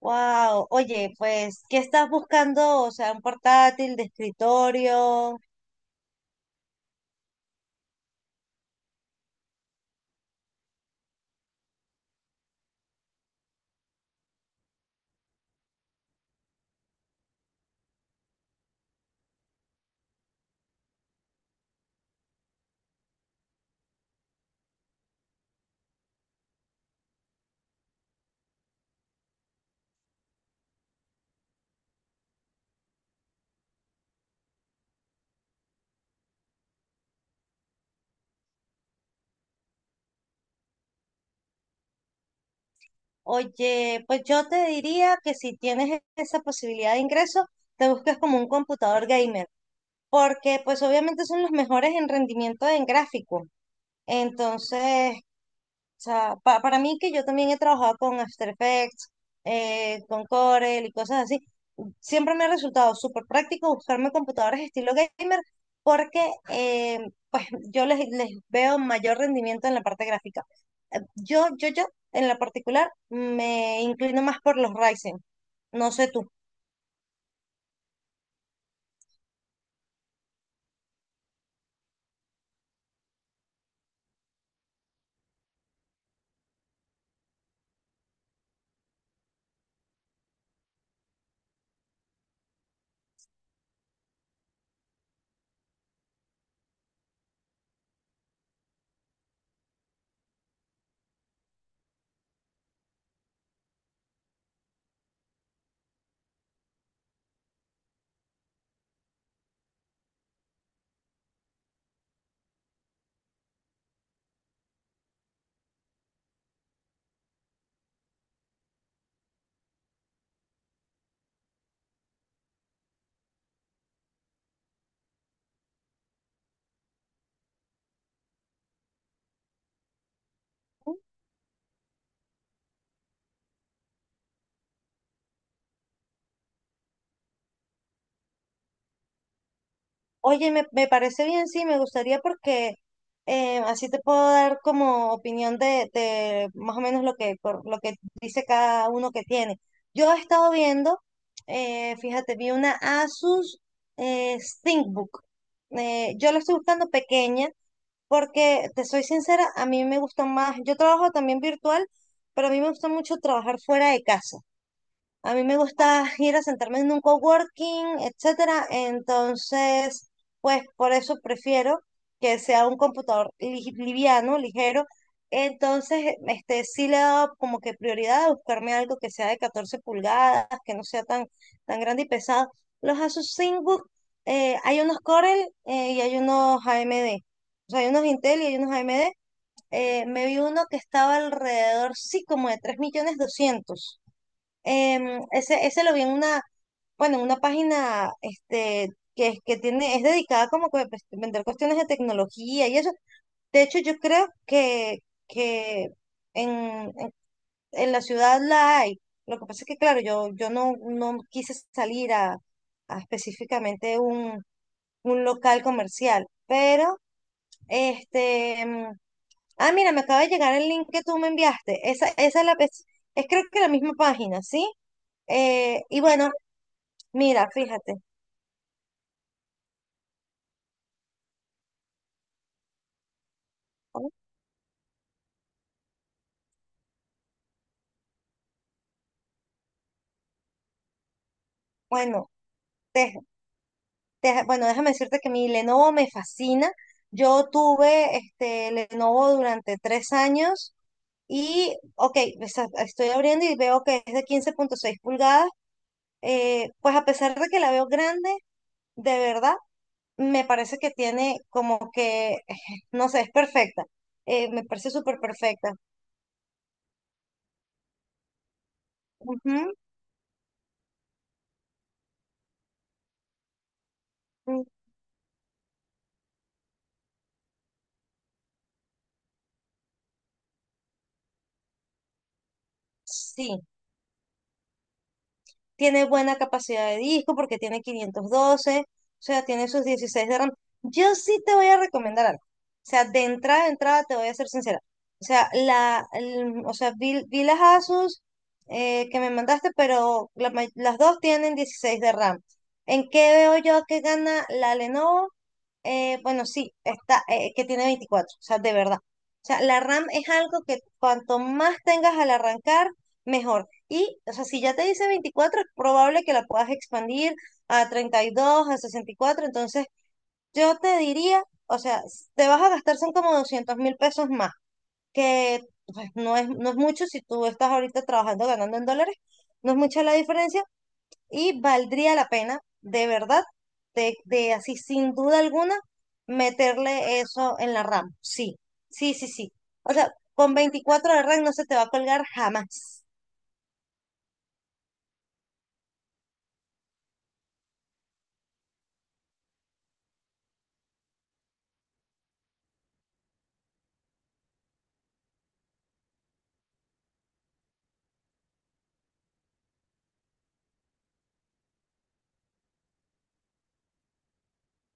Wow, oye, pues, ¿qué estás buscando? O sea, un portátil de escritorio. Oye, pues yo te diría que si tienes esa posibilidad de ingreso, te busques como un computador gamer, porque pues obviamente son los mejores en rendimiento en gráfico. Entonces, o sea, para mí que yo también he trabajado con After Effects, con Corel y cosas así, siempre me ha resultado súper práctico buscarme computadoras estilo gamer porque eh, pues yo les veo mayor rendimiento en la parte gráfica. Yo, en la particular, me inclino más por los Ryzen. No sé tú. Oye, me parece bien, sí, me gustaría porque así te puedo dar como opinión de más o menos lo que dice cada uno que tiene. Yo he estado viendo, fíjate, vi una Asus eh, ThinkBook. Yo la estoy buscando pequeña porque, te soy sincera, a mí me gusta más, yo trabajo también virtual, pero a mí me gusta mucho trabajar fuera de casa. A mí me gusta ir a sentarme en un coworking, etcétera. Entonces, pues por eso prefiero que sea un computador liviano, ligero. Entonces, este sí le he dado como que prioridad a buscarme algo que sea de 14 pulgadas, que no sea tan, tan grande y pesado. Los Asus ThinkBook, hay unos Corel y hay unos AMD. O sea, hay unos Intel y hay unos AMD. Me vi uno que estaba alrededor, sí, como de 3.200.000. Em, ese lo vi en una, bueno, en una página que tiene, es dedicada como que, pues, a pues, vender cuestiones de tecnología y eso. De hecho, yo creo que en, en, en la ciudad la hay. Lo que pasa es que, claro, yo no quise salir a específicamente un local comercial, pero este, em, ah, mira, me acaba de llegar el link que tú me enviaste. Esa es la, es es, creo que la misma página, ¿sí? Y bueno, mira, fíjate. ¿No? Bueno, deja- bueno, déjame decirte que mi Lenovo me fascina. Yo tuve este Lenovo durante 3 años y, ok, estoy abriendo y veo que es de 15,6 pulgadas. Pues a pesar de que la veo grande, de verdad, me parece que tiene como que, no sé, es perfecta. Me parece súper perfecta. Ujú. Mm. Sí. Tiene buena capacidad de disco porque tiene 512, o sea, tiene sus 16 de RAM. Yo sí te voy a recomendar algo. O sea, de entrada a entrada te voy a ser sincera. O sea, o sea, vi las Asus que me mandaste, pero las dos tienen 16 de RAM. ¿En qué veo yo que gana la Lenovo? Bueno, sí, está, que tiene 24, o sea, de verdad. O sea, la RAM es algo que cuanto más tengas al arrancar, mejor. Y, o sea, si ya te dice 24 es probable que la puedas expandir a 32, a 64. Entonces, yo te diría, o sea, te vas a gastar son como 200.000 pesos más, que pues, no es mucho si tú estás ahorita trabajando, ganando en dólares. No es mucha la diferencia, y valdría la pena, de verdad, de así sin duda alguna, meterle eso en la RAM. Sí, sí, sí, sí. O sea, con 24 de RAM no se te va a colgar jamás.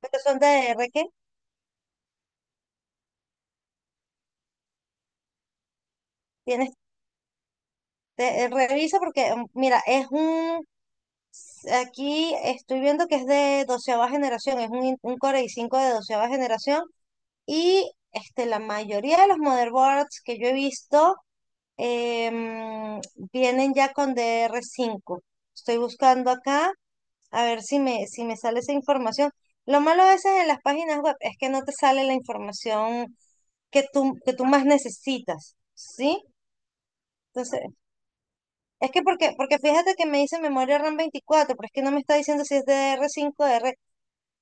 Porque son DDR que tienes, revisa porque, mira, aquí estoy viendo que es de 12.ª generación, es un Core i5 de 12.ª generación y la mayoría de los motherboards que yo he visto em, vienen ya con DDR5. Estoy buscando acá a ver si me, si me sale esa información. Lo malo a veces en las páginas web es que no te sale la información que tú más necesitas, ¿sí? Entonces, es que porque, porque fíjate que me dice memoria RAM 24, pero es que no me está diciendo si es de r 5, r cinco,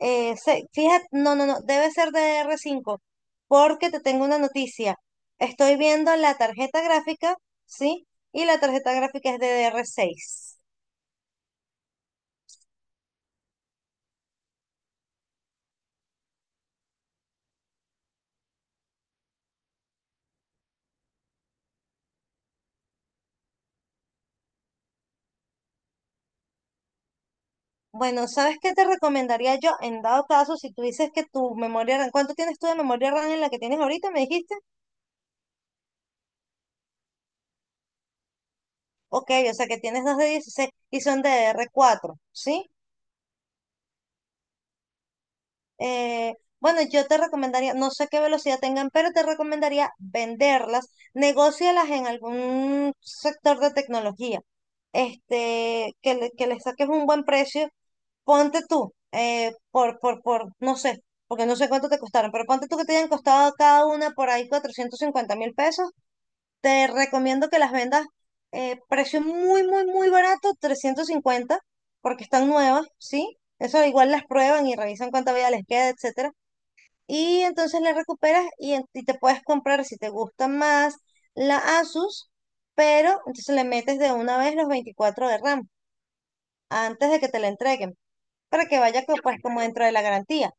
fíjate, no, no, no, debe ser de r cinco porque te tengo una noticia. Estoy viendo la tarjeta gráfica, ¿sí? Y la tarjeta gráfica es de DDR6. Bueno, ¿sabes qué te recomendaría yo en dado caso si tú dices que tu memoria RAM? ¿Cuánto tienes tú de memoria RAM en la que tienes ahorita? ¿Me dijiste? Ok, o sea que tienes dos de 16 y son de DDR4, ¿sí? Eh, bueno, yo te recomendaría, no sé qué velocidad tengan, pero te recomendaría venderlas, negócialas en algún sector de tecnología, que les saques un buen precio, ponte tú, no sé, porque no sé cuánto te costaron, pero ponte tú que te hayan costado cada una por ahí 450.000 pesos, te recomiendo que las vendas, precio muy, muy, muy barato, 350 porque están nuevas, ¿sí? Eso igual las prueban y revisan cuánta vida les queda, etcétera, y entonces la recuperas y, y te puedes comprar, si te gusta más, la Asus, pero entonces le metes de una vez los 24 de RAM antes de que te la entreguen, para que vaya pues como dentro de la garantía.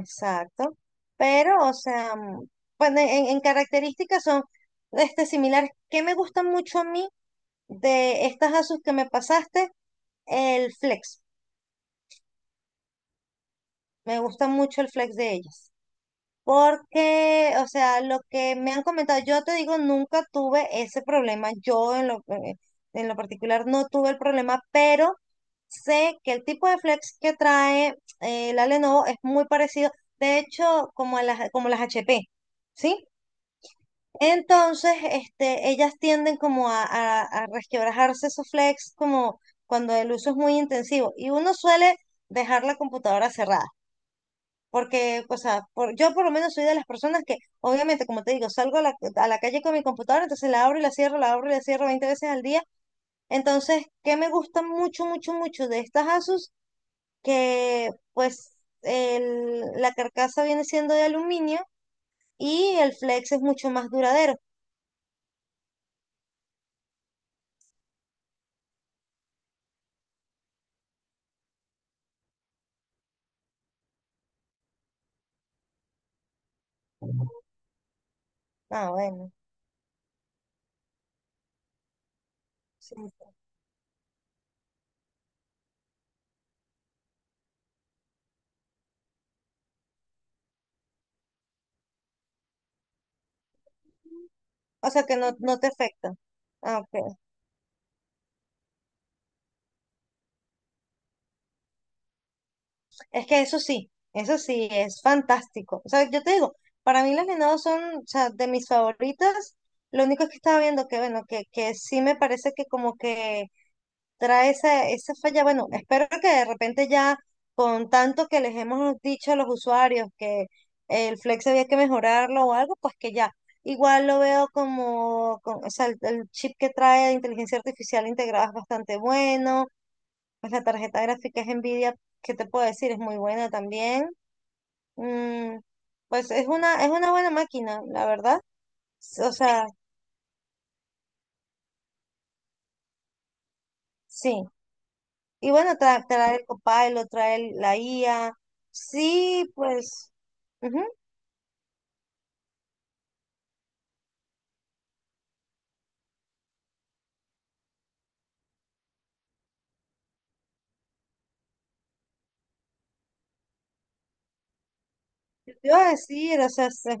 Exacto. Pero, o sea, bueno, en características son similares. ¿Qué me gusta mucho a mí de estas Asus que me pasaste? El Flex. Me gusta mucho el Flex de ellas. Porque, o sea, lo que me han comentado, yo te digo, nunca tuve ese problema. Yo en lo particular no tuve el problema, pero sé que el tipo de flex que trae la Lenovo es muy parecido, de hecho, como a las HP, ¿sí? Entonces, ellas tienden como a resquebrajarse esos flex como cuando el uso es muy intensivo y uno suele dejar la computadora cerrada. Porque, o sea, yo por lo menos soy de las personas que, obviamente, como te digo, salgo a la calle con mi computadora, entonces la abro y la cierro, la abro y la cierro 20 veces al día. Entonces, ¿qué me gusta mucho, mucho, mucho de estas Asus? Que, pues, la carcasa viene siendo de aluminio y el flex es mucho más duradero. Ah, bueno. Sí. O sea, que no te afecta. Ah, ok. Es que eso sí, es fantástico. O sea, yo te digo, para mí las venados son, o sea, de mis favoritas. Lo único es que estaba viendo que, bueno, que sí me parece que como que trae esa falla. Bueno, espero que de repente ya con tanto que les hemos dicho a los usuarios que el Flex había que mejorarlo o algo, pues que ya. Igual lo veo como, o sea, el chip que trae de inteligencia artificial integrada es bastante bueno, pues la tarjeta gráfica es Nvidia, ¿qué te puedo decir? Es muy buena también. Mm, pues es una buena máquina, la verdad. O sea, sí. Y bueno, trae, el Copilot, trae la IA. Sí, pues, ujú. Te iba a decir, o sea,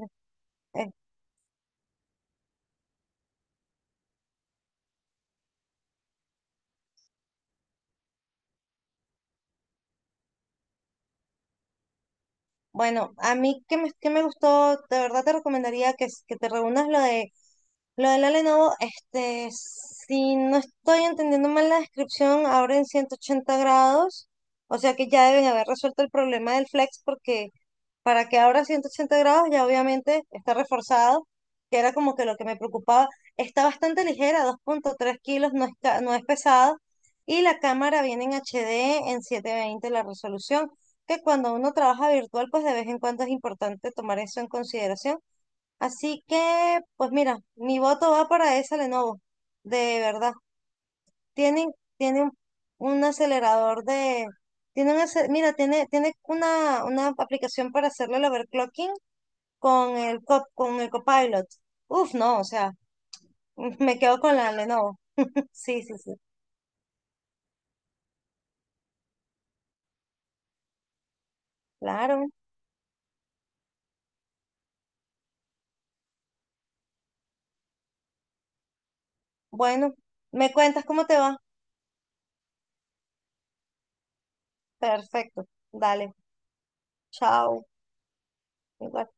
bueno, a mí que que me gustó, de verdad te recomendaría que, que te reúnas lo de la Lenovo. Si no estoy entendiendo mal la descripción, abre en 180 grados. O sea que ya deben haber resuelto el problema del flex porque para que ahora 180 grados, ya obviamente está reforzado, que era como que lo que me preocupaba. Está bastante ligera, 2,3 kilos, no es pesada. Y la cámara viene en HD en 720 la resolución, que cuando uno trabaja virtual, pues de vez en cuando es importante tomar eso en consideración. Así que, pues mira, mi voto va para esa Lenovo, de verdad. Tienen, tiene un acelerador de, mira, tiene una aplicación para hacerle el overclocking con con el Copilot. Uf, no, o sea, me quedo con la Lenovo. Sí, sí, sí, claro. Bueno, me cuentas cómo te va. Perfecto. Dale, chao. Igual.